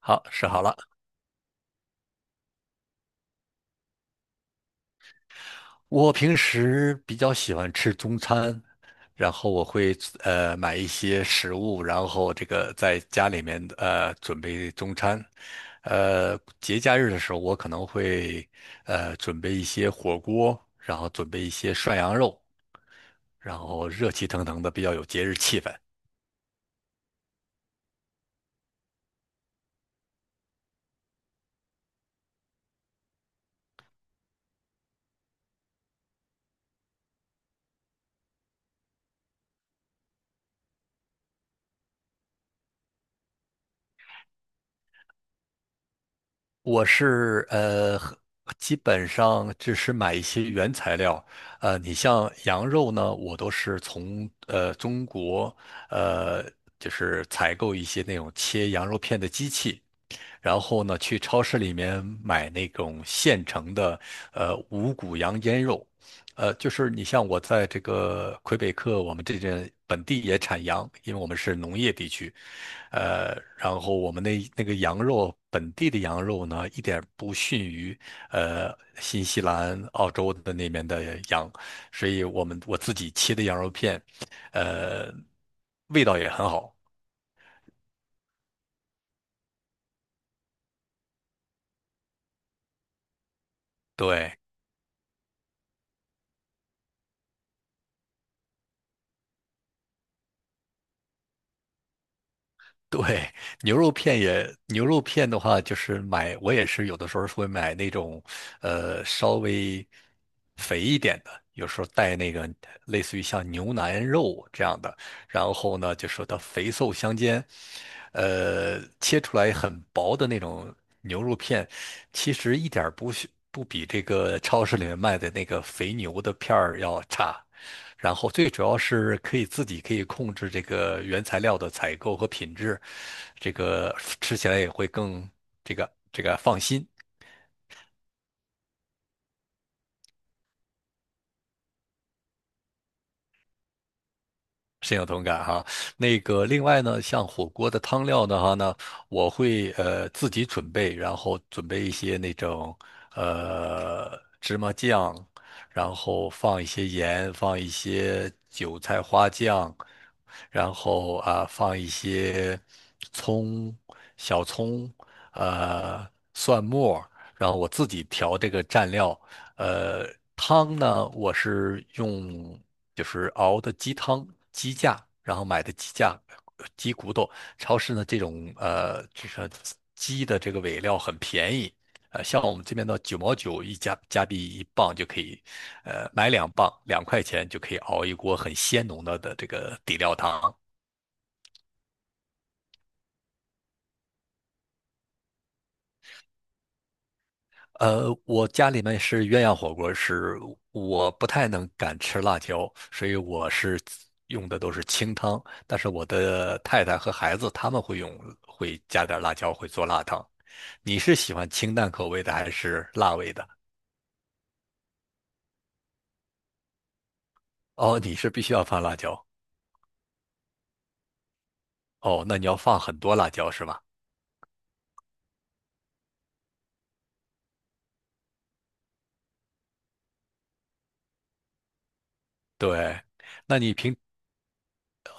好，试好了。我平时比较喜欢吃中餐，然后我会买一些食物，然后这个在家里面准备中餐。节假日的时候，我可能会准备一些火锅，然后准备一些涮羊肉，然后热气腾腾的，比较有节日气氛。我是呃，基本上只是买一些原材料。你像羊肉呢，我都是从中国呃，就是采购一些那种切羊肉片的机器。然后呢，去超市里面买那种现成的，五谷羊腌肉，就是你像我在这个魁北克，我们这边本地也产羊，因为我们是农业地区，然后我们那个羊肉，本地的羊肉呢，一点不逊于，新西兰、澳洲的那边的羊，所以我自己切的羊肉片，呃，味道也很好，对。对，牛肉片的话，就是买，我也是有的时候会买那种，稍微肥一点的，有时候带那个类似于像牛腩肉这样的，然后呢，就说它肥瘦相间，切出来很薄的那种牛肉片，其实一点儿不是不比这个超市里面卖的那个肥牛的片儿要差，然后最主要是可以自己可以控制这个原材料的采购和品质，这个吃起来也会更这个放心。深有同感哈。那个，另外呢，像火锅的汤料的话呢，我会自己准备，然后准备一些那种芝麻酱，然后放一些盐，放一些韭菜花酱，然后啊放一些葱、小葱、呃蒜末。然后我自己调这个蘸料。呃，汤呢，我是用就是熬的鸡汤、鸡架，然后买的鸡架、鸡骨头。超市呢，这种就是鸡的这个尾料很便宜，像我们这边的9毛9一加币一磅就可以，买2磅，2块钱就可以熬一锅很鲜浓的这个底料汤。我家里面是鸳鸯火锅，是我不太敢吃辣椒，所以我是用的都是清汤。但是我的太太和孩子他们会用，会加点辣椒，会做辣汤。你是喜欢清淡口味的还是辣味的？哦，你是必须要放辣椒。哦，那你要放很多辣椒是吧？对，那你平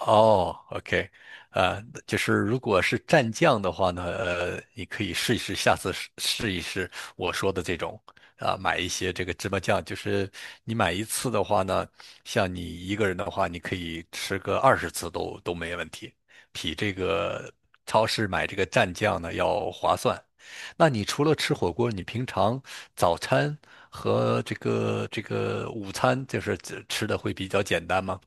哦，OK，呃，就是如果是蘸酱的话呢，你可以试一试，下次试一试我说的这种，啊、买一些这个芝麻酱，就是你买一次的话呢，像你一个人的话，你可以吃个20次都没问题，比这个超市买这个蘸酱呢要划算。那你除了吃火锅，你平常早餐和这个午餐，就是吃的会比较简单吗？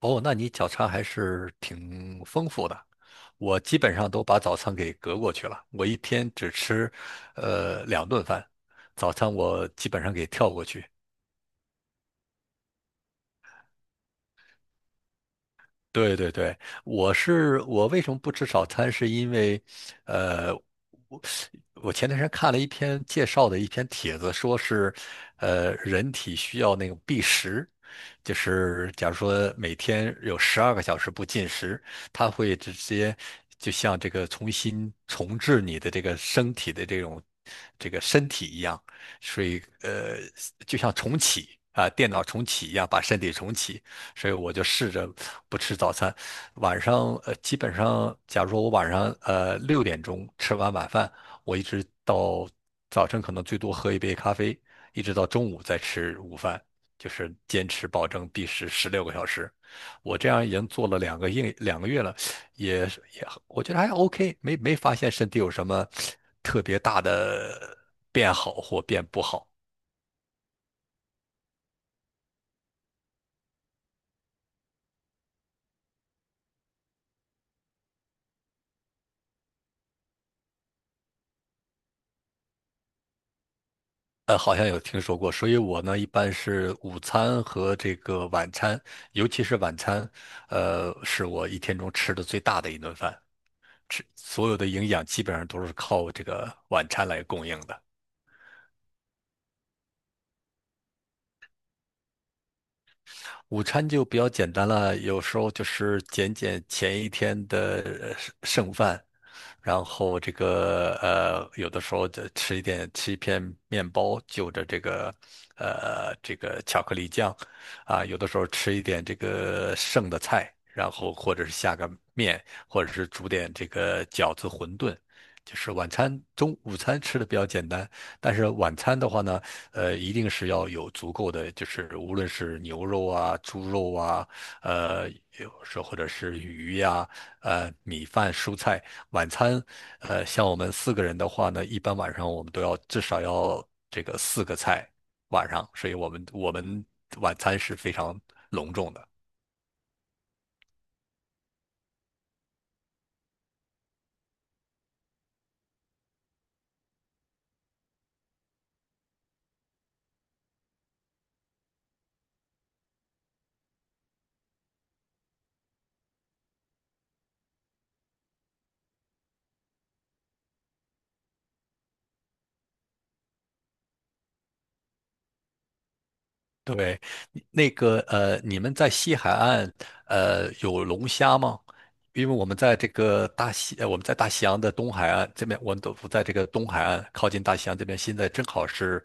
哦，那你早餐还是挺丰富的。我基本上都把早餐给隔过去了，我一天只吃，两顿饭，早餐我基本上给跳过去。对对对，我为什么不吃早餐？是因为，呃，我我前段时间看了一篇介绍的一篇帖子，说是，人体需要那个避食，就是假如说每天有12个小时不进食，它会直接就像这个重新重置你的这个身体的这种这个身体一样，所以就像重启啊，电脑重启一样，把身体重启。所以我就试着不吃早餐。晚上基本上，假如说我晚上6点钟吃完晚饭，我一直到早晨可能最多喝一杯咖啡，一直到中午再吃午饭，就是坚持保证必食16个小时。我这样已经做了两个月了，也我觉得还 OK，没发现身体有什么特别大的变好或变不好。好像有听说过，所以我呢一般是午餐和这个晚餐，尤其是晚餐，是我一天中吃的最大的一顿饭，吃所有的营养基本上都是靠这个晚餐来供应的。午餐就比较简单了，有时候就是减前一天的剩饭，然后这个有的时候就吃一点，吃一片面包，就着这个巧克力酱，啊，有的时候吃一点这个剩的菜，然后或者是下个面，或者是煮点这个饺子、馄饨。就是晚餐中午餐吃的比较简单，但是晚餐的话呢，一定是要有足够的，就是无论是牛肉啊、猪肉啊，呃，有时候或者是鱼呀、米饭、蔬菜。晚餐，像我们4个人的话呢，一般晚上我们都要至少要这个4个菜晚上，所以我们晚餐是非常隆重的。对，你们在西海岸有龙虾吗？因为我们在大西洋的东海岸这边，我们都不在这个东海岸靠近大西洋这边，现在正好是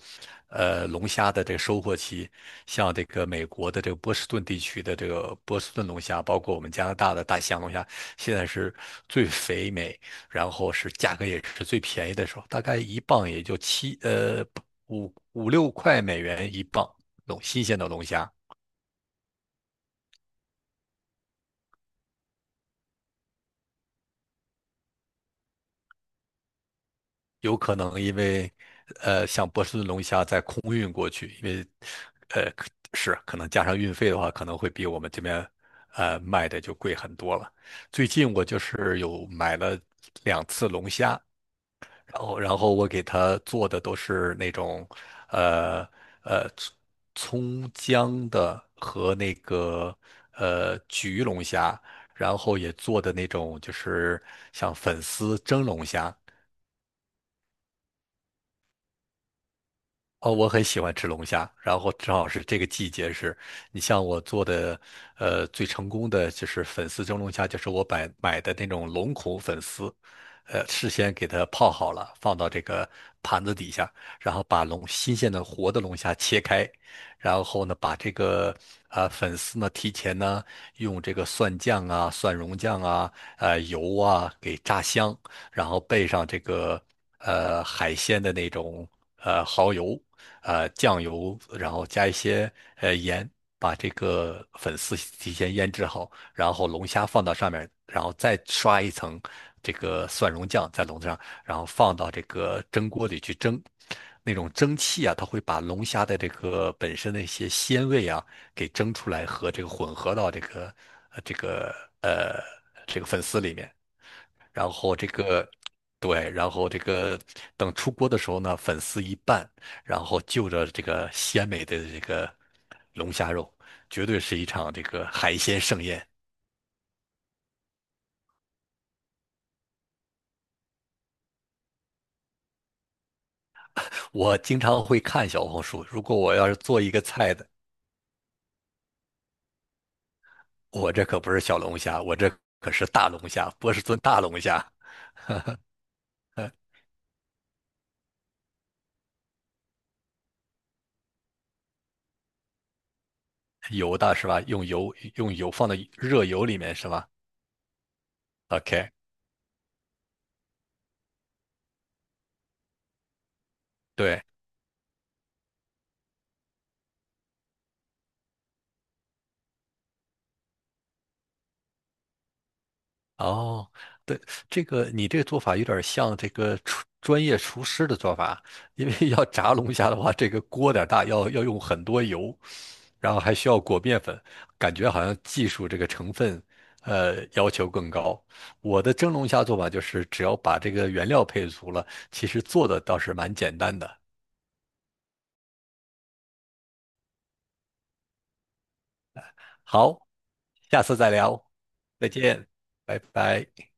龙虾的这个收获期，像这个美国的这个波士顿地区的这个波士顿龙虾，包括我们加拿大的大西洋龙虾，现在是最肥美，然后是价格也是最便宜的时候，大概一磅也就七呃。五五六块美元一磅，新鲜的龙虾，有可能因为，像波士顿龙虾在空运过去，因为，呃，是可能加上运费的话，可能会比我们这边，卖的就贵很多了。最近我就是有买了2次龙虾，然后我给他做的都是那种，呃呃，葱姜的和那个焗龙虾，然后也做的那种就是像粉丝蒸龙虾，哦，我很喜欢吃龙虾，然后正好是这个季节是，你像我做的，最成功的就是粉丝蒸龙虾，就是我买的那种龙孔粉丝，事先给它泡好了，放到这个盘子底下，然后把新鲜的活的龙虾切开，然后呢，把这个粉丝呢提前呢用这个蒜酱啊、蒜蓉酱啊、油啊给炸香，然后备上这个海鲜的那种蚝油。酱油，然后加一些盐，把这个粉丝提前腌制好，然后龙虾放到上面，然后再刷一层这个蒜蓉酱在笼子上，然后放到这个蒸锅里去蒸。那种蒸汽啊，它会把龙虾的这个本身的一些鲜味啊给蒸出来，和这个混合到呃这个呃这个粉丝里面。然后这个，对，然后这个等出锅的时候呢，粉丝一拌，然后就着这个鲜美的这个龙虾肉，绝对是一场这个海鲜盛宴。我经常会看小红书，如果我要是做一个菜的，我这可不是小龙虾，我这可是大龙虾，波士顿大龙虾，油的是吧？用油放到热油里面是吧？OK，对。哦，对，这个你这个做法有点像这个专业厨师的做法，因为要炸龙虾的话，这个锅有点大，要用很多油，然后还需要裹面粉，感觉好像技术这个成分，要求更高。我的蒸龙虾做法就是，只要把这个原料配足了，其实做的倒是蛮简单的。好，下次再聊，再见，拜拜。